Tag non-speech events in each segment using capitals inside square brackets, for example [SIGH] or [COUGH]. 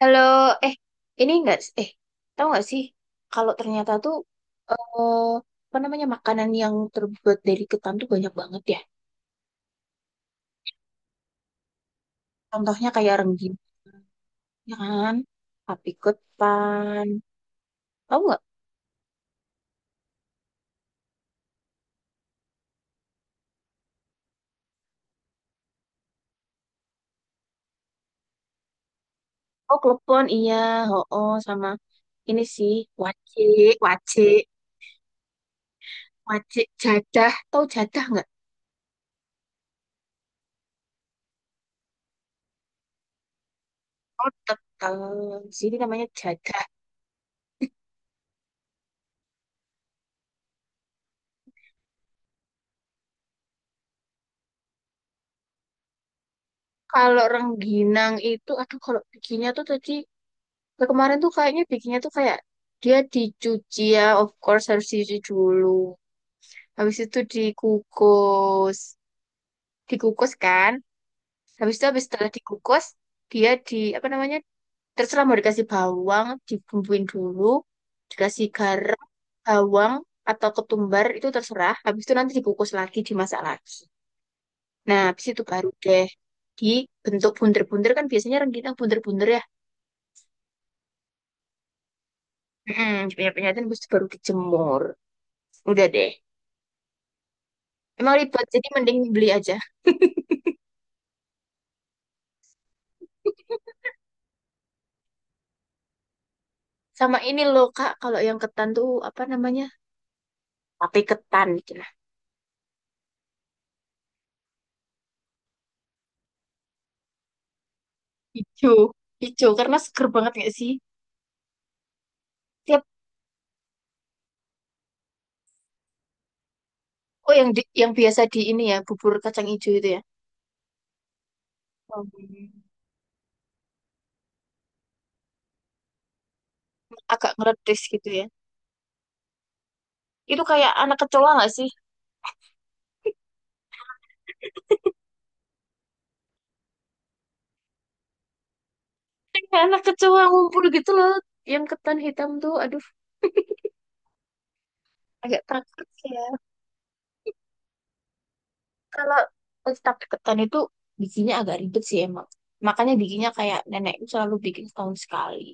Halo, eh, ini enggak, eh, tahu nggak sih, kalau ternyata tuh, eh, apa namanya, makanan yang terbuat dari ketan tuh banyak banget ya. Contohnya kayak rengginang, ya kan, tapi ketan, tahu nggak? Oh, klepon, iya, oh, oh, sama ini sih, wacik, wacik, wacik, jadah, tahu jadah nggak? Oh, tetap, sini namanya jadah. Kalau rengginang itu, aduh, kalau bikinnya tuh tadi. Nah, kemarin tuh kayaknya bikinnya tuh kayak dia dicuci ya, of course harus dicuci dulu. Habis itu dikukus, dikukus kan. Habis itu habis setelah dikukus, dia di apa namanya? Terserah mau dikasih bawang, dibumbuin dulu, dikasih garam, bawang atau ketumbar itu terserah. Habis itu nanti dikukus lagi, dimasak lagi. Nah, habis itu baru deh dibentuk buntir-buntir kan biasanya rengginang buntir-buntir ya. Hmm, punya penyataan habis itu baru dijemur. Udah deh. Emang ribet, jadi mending beli aja. Sama ini loh, Kak, kalau yang ketan tuh apa namanya? Tapi ketan gitu lah. Hijau, hijau karena seger banget gak sih? Tiap oh yang yang biasa di ini ya, bubur kacang hijau itu ya. Hmm. Agak ngeredes gitu ya. Itu kayak anak kecoa gak sih? Kayak anak kecoa ngumpul gitu loh. Yang ketan hitam tuh, aduh, agak takut ya. Kalau tetap ketan itu bikinnya agak ribet sih emang. Makanya bikinnya kayak nenekku selalu bikin setahun sekali.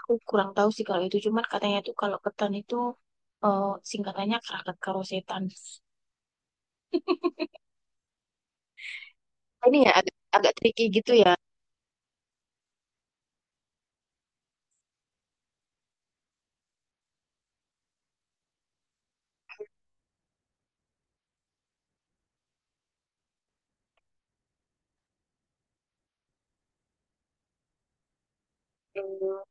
Aku kurang tahu sih kalau itu, cuman katanya tuh kalau ketan itu eh, singkatannya kerakat karo setan. Ini ya agak tricky gitu ya. Hmm,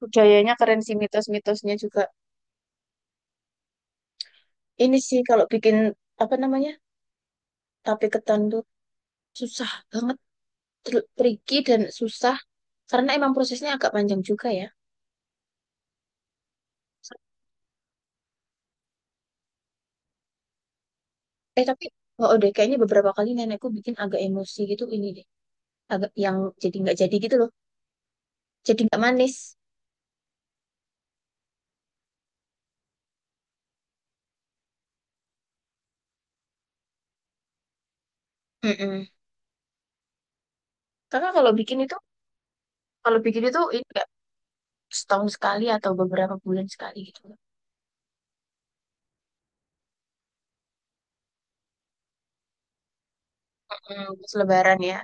budayanya keren sih mitos-mitosnya juga. Ini sih kalau bikin apa namanya tape ketan tuh susah banget, tricky dan susah karena emang prosesnya agak panjang juga ya. Eh tapi oh oh deh kayaknya beberapa kali nenekku bikin agak emosi gitu ini deh, agak yang jadi nggak jadi gitu loh, jadi nggak manis. Mm-mm. Kakak kalau bikin itu ini setahun sekali atau beberapa bulan sekali gitu. Mm, pas Lebaran ya,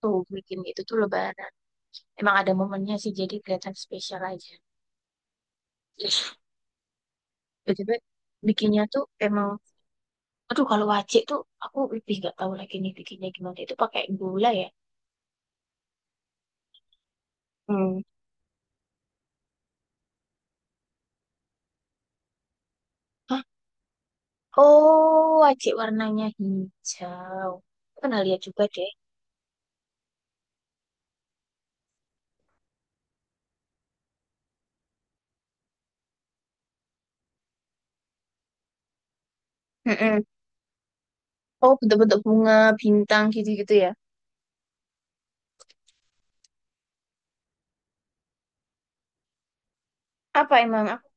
tuh bikin itu tuh Lebaran. Emang ada momennya sih, jadi kelihatan spesial aja. BTW, bikinnya tuh emang, aduh kalau wajik tuh aku lebih nggak tahu lagi nih bikinnya gimana. Itu pakai gula ya? Hmm. Hah? Oh, wajik warnanya hijau. Aku pernah lihat juga deh. Mm-mm. Oh, bentuk-bentuk bunga, bintang gitu-gitu ya. Apa emang aku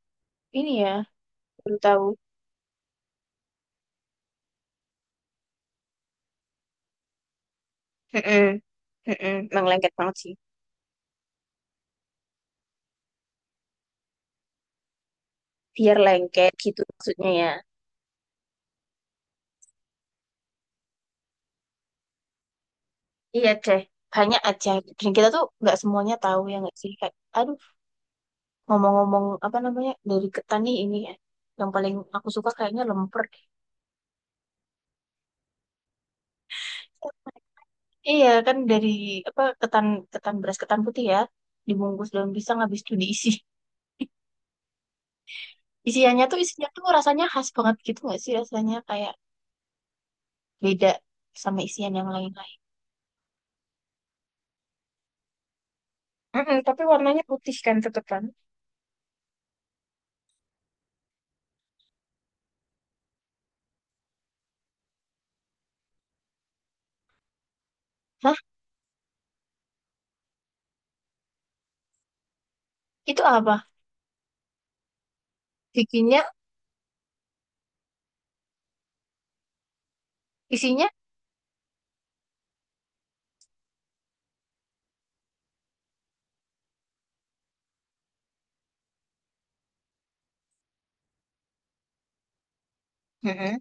ini ya, baru tahu. Mm-mm. Mm-mm. Emang lengket banget sih. Biar lengket gitu maksudnya ya. Iya deh, banyak aja. Dan kita tuh nggak semuanya tahu ya nggak sih. Kayak, aduh, ngomong-ngomong apa namanya dari ketan nih ini ya. Yang paling aku suka kayaknya lemper. Iya kan dari apa ketan ketan beras ketan putih ya dibungkus daun pisang habis itu diisi. Isiannya tuh isinya tuh rasanya khas banget gitu nggak sih rasanya kayak beda sama isian yang lain-lain. Mm-mm, tapi warnanya putih kan tetep kan? Nah, itu apa? Bikinnya isinya. Mm-mm.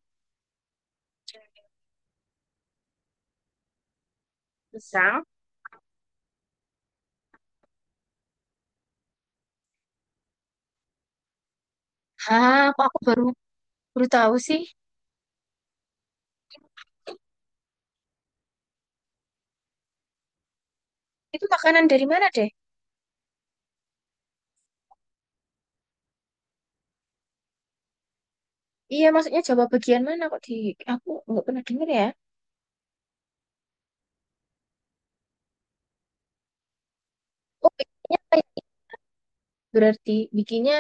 Pisang. Hah, kok aku baru baru tahu sih. Itu makanan dari mana deh? Iya, maksudnya Jawa bagian mana kok di aku nggak pernah dengar ya. Oh, bikinnya kayak berarti bikinnya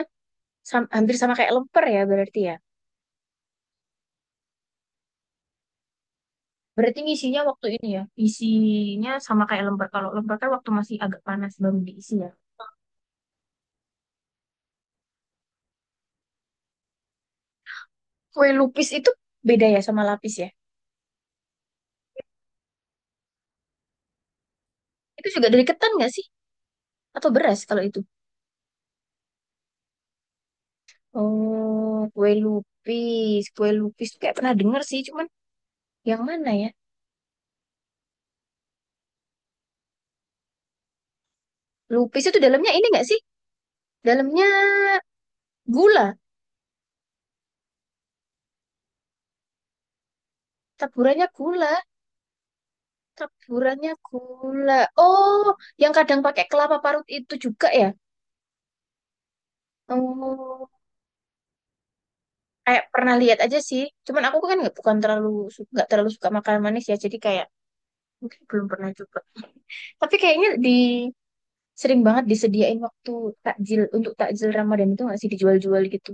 hampir sama kayak lemper ya. Berarti ngisinya waktu ini ya. Isinya sama kayak lemper. Kalau lemper kan waktu masih agak panas baru diisi ya. Kue lupis itu beda ya sama lapis ya. Itu juga dari ketan nggak sih? Atau beras kalau itu? Oh, kue lupis. Kue lupis tuh kayak pernah denger sih, cuman yang mana ya? Lupis itu dalamnya ini nggak sih? Dalamnya gula, taburannya gula, taburannya gula. Oh, yang kadang pakai kelapa parut itu juga ya? Oh, kayak pernah lihat aja sih. Cuman aku kan nggak bukan terlalu nggak terlalu suka makanan manis ya, jadi kayak mungkin belum pernah coba. Tapi kayaknya di sering banget disediain waktu takjil untuk takjil Ramadan itu nggak sih dijual-jual gitu.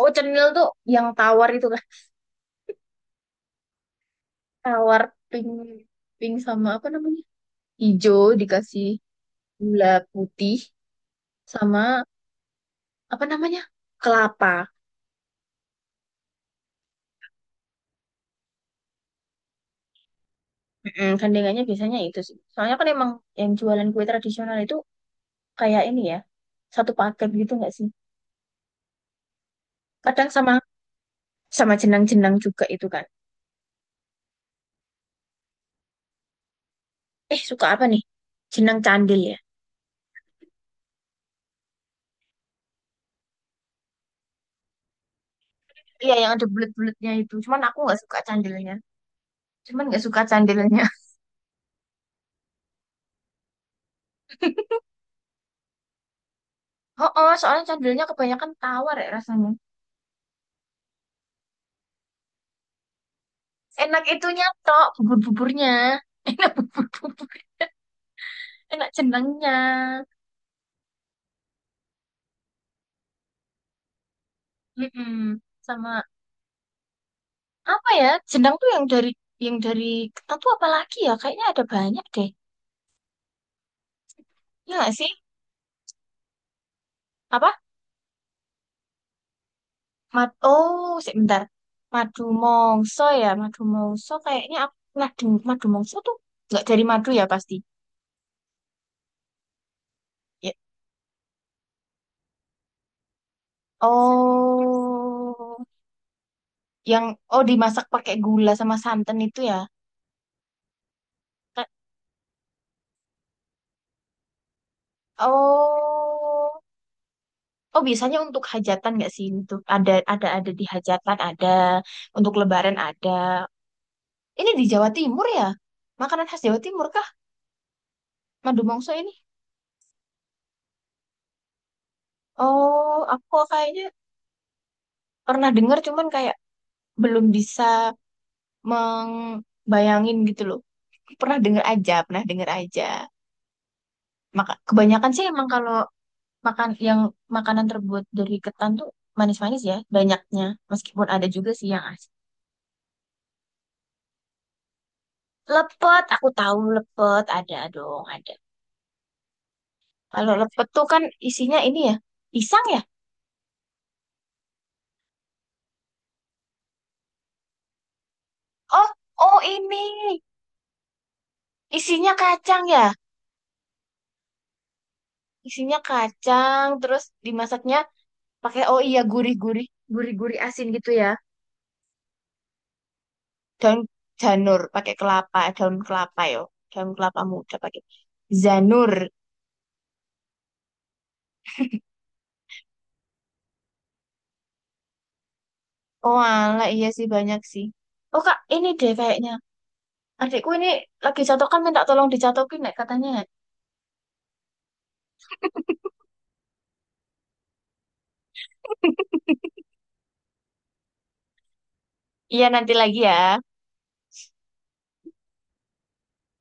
Oh, cenil tuh yang tawar itu lah, tawar, pink, pink sama apa namanya? Hijau dikasih gula putih sama apa namanya kelapa. Mm, gandengannya biasanya itu sih. Soalnya kan emang yang jualan kue tradisional itu kayak ini ya, satu paket gitu nggak sih? Kadang sama sama jenang-jenang juga itu kan. Eh suka apa nih? Jenang candil ya? Iya yang ada bulat-bulatnya itu. Cuman aku nggak suka candilnya. Cuman nggak suka candilnya. [LAUGHS] Oh, oh soalnya candilnya kebanyakan tawar ya rasanya. Enak itunya tok bubur-buburnya. [LAUGHS] Enak bubur-bubur. Enak jenangnya. Mm-mm. Sama apa ya jenang tuh yang dari ketan tuh apa lagi ya kayaknya ada banyak deh ya nggak sih apa mad oh sebentar madu mongso ya madu mongso kayaknya aku pernah dengar madu mongso tuh nggak dari madu ya pasti. Ya. Oh yang oh dimasak pakai gula sama santan itu ya. Ka- oh. Oh biasanya untuk hajatan nggak sih? Untuk ada ada di hajatan ada, untuk lebaran ada. Ini di Jawa Timur ya? Makanan khas Jawa Timur kah? Madu mongso ini? Oh, aku kayaknya pernah dengar cuman kayak belum bisa membayangin gitu loh. Pernah dengar aja, pernah dengar aja. Maka kebanyakan sih emang kalau makan yang makanan terbuat dari ketan tuh manis-manis ya banyaknya. Meskipun ada juga sih yang asin. Lepet, aku tahu lepet ada dong, ada. Kalau lepet tuh kan isinya ini ya, pisang ya? Oh, oh ini isinya kacang ya? Isinya kacang, terus dimasaknya pakai oh iya gurih-gurih, gurih-gurih asin gitu ya. Daun janur pakai kelapa, eh, daun kelapa yo, daun kelapa muda pakai zanur. Oh ala iya sih banyak sih. Oh kak, ini deh kayaknya adikku ini lagi catokan minta tolong dicatokin nek katanya. Iya nanti lagi ya.